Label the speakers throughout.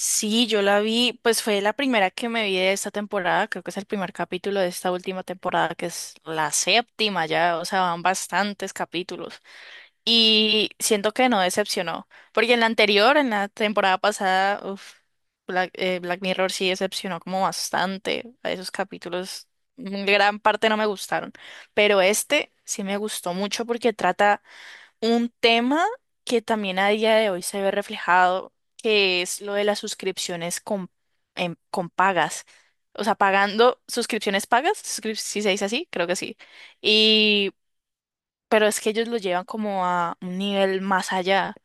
Speaker 1: Sí, yo la vi, pues fue la primera que me vi de esta temporada, creo que es el primer capítulo de esta última temporada, que es la séptima ya, o sea, van bastantes capítulos. Y siento que no decepcionó, porque en la anterior, en la temporada pasada, uf, Black, Black Mirror sí decepcionó como bastante, a esos capítulos, gran parte no me gustaron, pero este sí me gustó mucho porque trata un tema que también a día de hoy se ve reflejado, que es lo de las suscripciones con, con pagas. O sea, pagando suscripciones pagas, si se dice así, creo que sí. Y, pero es que ellos lo llevan como a un nivel más allá.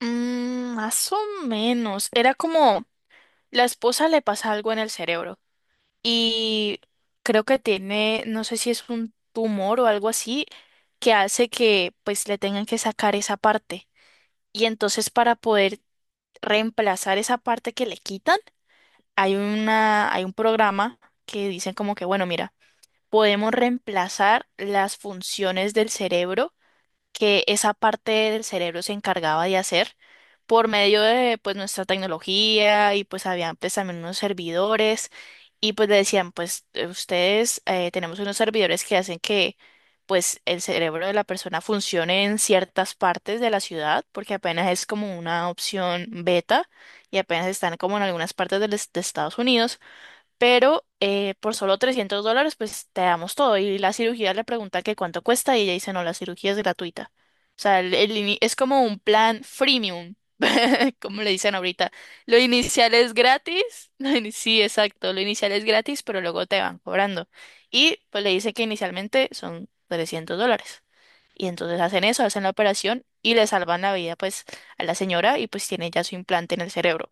Speaker 1: Mm, más o menos. Era como la esposa le pasa algo en el cerebro y creo que tiene, no sé si es un tumor o algo así, que hace que pues le tengan que sacar esa parte. Y entonces para poder reemplazar esa parte que le quitan, hay un programa que dicen como que, bueno, mira, podemos reemplazar las funciones del cerebro que esa parte del cerebro se encargaba de hacer por medio de pues nuestra tecnología y pues habían pues también unos servidores y pues le decían pues ustedes tenemos unos servidores que hacen que pues el cerebro de la persona funcione en ciertas partes de la ciudad porque apenas es como una opción beta y apenas están como en algunas partes del de Estados Unidos pero por solo $300, pues te damos todo. Y la cirugía le pregunta que cuánto cuesta y ella dice, no, la cirugía es gratuita. O sea, es como un plan freemium, como le dicen ahorita. Lo inicial es gratis. Sí, exacto. Lo inicial es gratis, pero luego te van cobrando. Y pues le dice que inicialmente son $300. Y entonces hacen eso, hacen la operación y le salvan la vida pues a la señora y pues tiene ya su implante en el cerebro.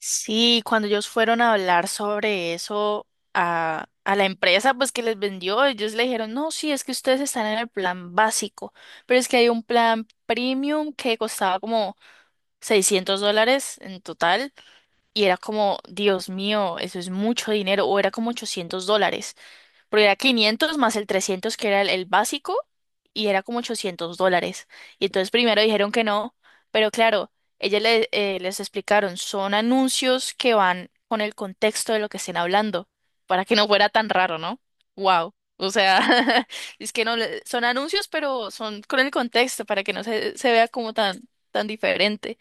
Speaker 1: Sí, cuando ellos fueron a hablar sobre eso a la empresa, pues que les vendió, ellos le dijeron, no, sí, es que ustedes están en el plan básico, pero es que hay un plan premium que costaba como $600 en total y era como, Dios mío, eso es mucho dinero, o era como $800 porque era 500 más el 300 que era el básico y era como $800. Y entonces primero dijeron que no, pero claro, les explicaron, son anuncios que van con el contexto de lo que estén hablando, para que no fuera tan raro, ¿no? Wow. O sea, es que no, son anuncios, pero son con el contexto, para que no se, se vea como tan, tan diferente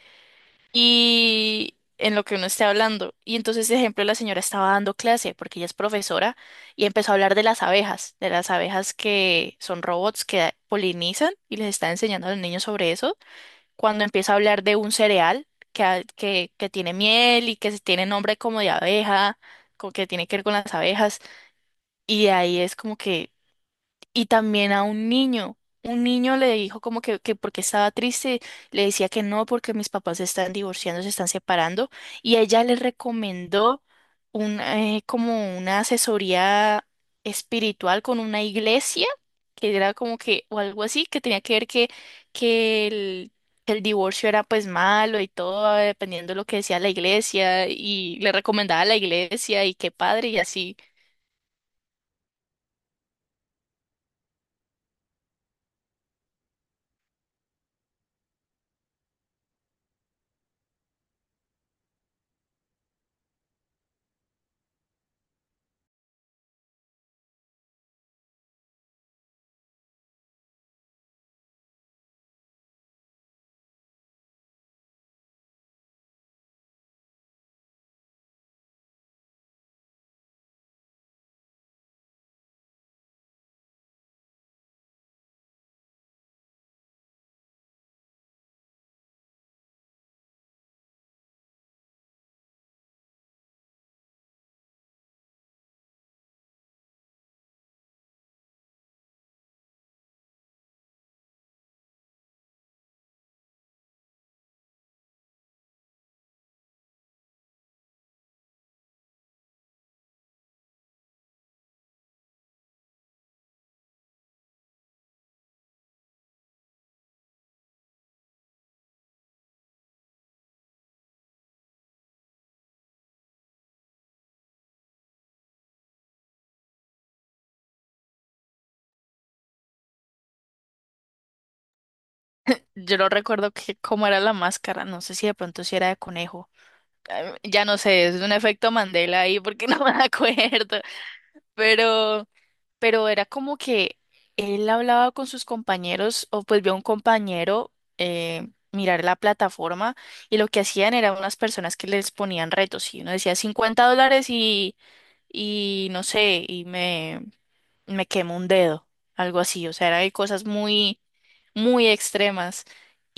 Speaker 1: y en lo que uno esté hablando. Y entonces, ejemplo, la señora estaba dando clase porque ella es profesora y empezó a hablar de las abejas que son robots que polinizan y les está enseñando a los niños sobre eso. Cuando empieza a hablar de un cereal que, que tiene miel y que se tiene nombre como de abeja, que tiene que ver con las abejas, y de ahí es como que y también a un niño. Un niño le dijo como que porque estaba triste, le decía que no, porque mis papás se están divorciando, se están separando, y ella le recomendó un, como una asesoría espiritual con una iglesia, que era como que, o algo así, que tenía que ver que, que el, que el divorcio era pues malo y todo, dependiendo de lo que decía la iglesia, y le recomendaba a la iglesia y qué padre, y así. Yo no recuerdo que, cómo era la máscara, no sé si de pronto si era de conejo. Ya no sé, es un efecto Mandela ahí porque no me acuerdo pero, pero era como que él hablaba con sus compañeros o pues vio a un compañero mirar la plataforma y lo que hacían eran unas personas que les ponían retos y uno decía $50 y no sé, y me quemo un dedo, algo así, o sea, era de cosas muy, muy extremas.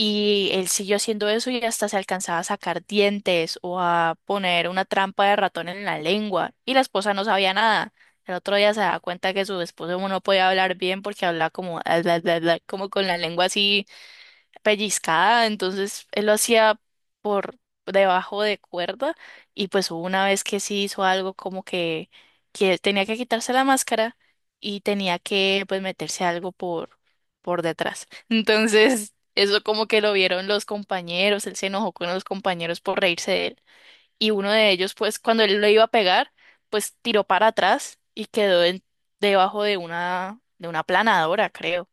Speaker 1: Y él siguió haciendo eso y hasta se alcanzaba a sacar dientes o a poner una trampa de ratón en la lengua. Y la esposa no sabía nada. El otro día se da cuenta que su esposo no podía hablar bien porque hablaba como, "Ah, bla, bla, bla", como con la lengua así pellizcada, entonces él lo hacía por debajo de cuerda y pues hubo una vez que sí hizo algo como que tenía que quitarse la máscara y tenía que pues meterse algo por detrás. Entonces eso como que lo vieron los compañeros, él se enojó con los compañeros por reírse de él y uno de ellos, pues cuando él lo iba a pegar, pues tiró para atrás y quedó debajo de una planadora, creo.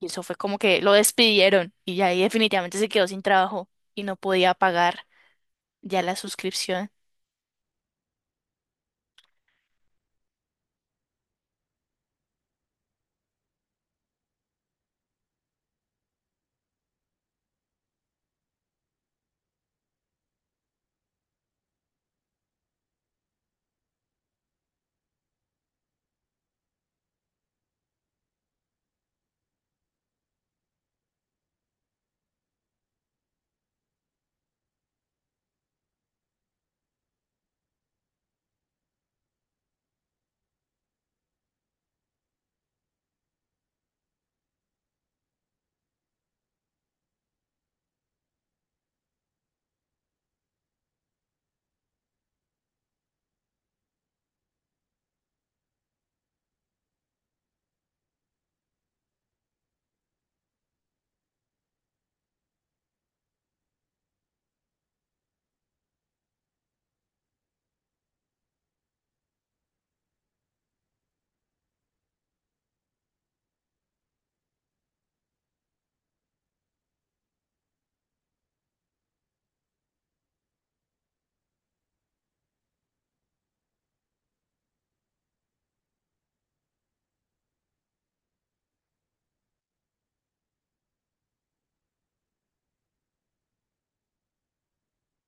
Speaker 1: Y eso fue como que lo despidieron y ya ahí definitivamente se quedó sin trabajo y no podía pagar ya la suscripción.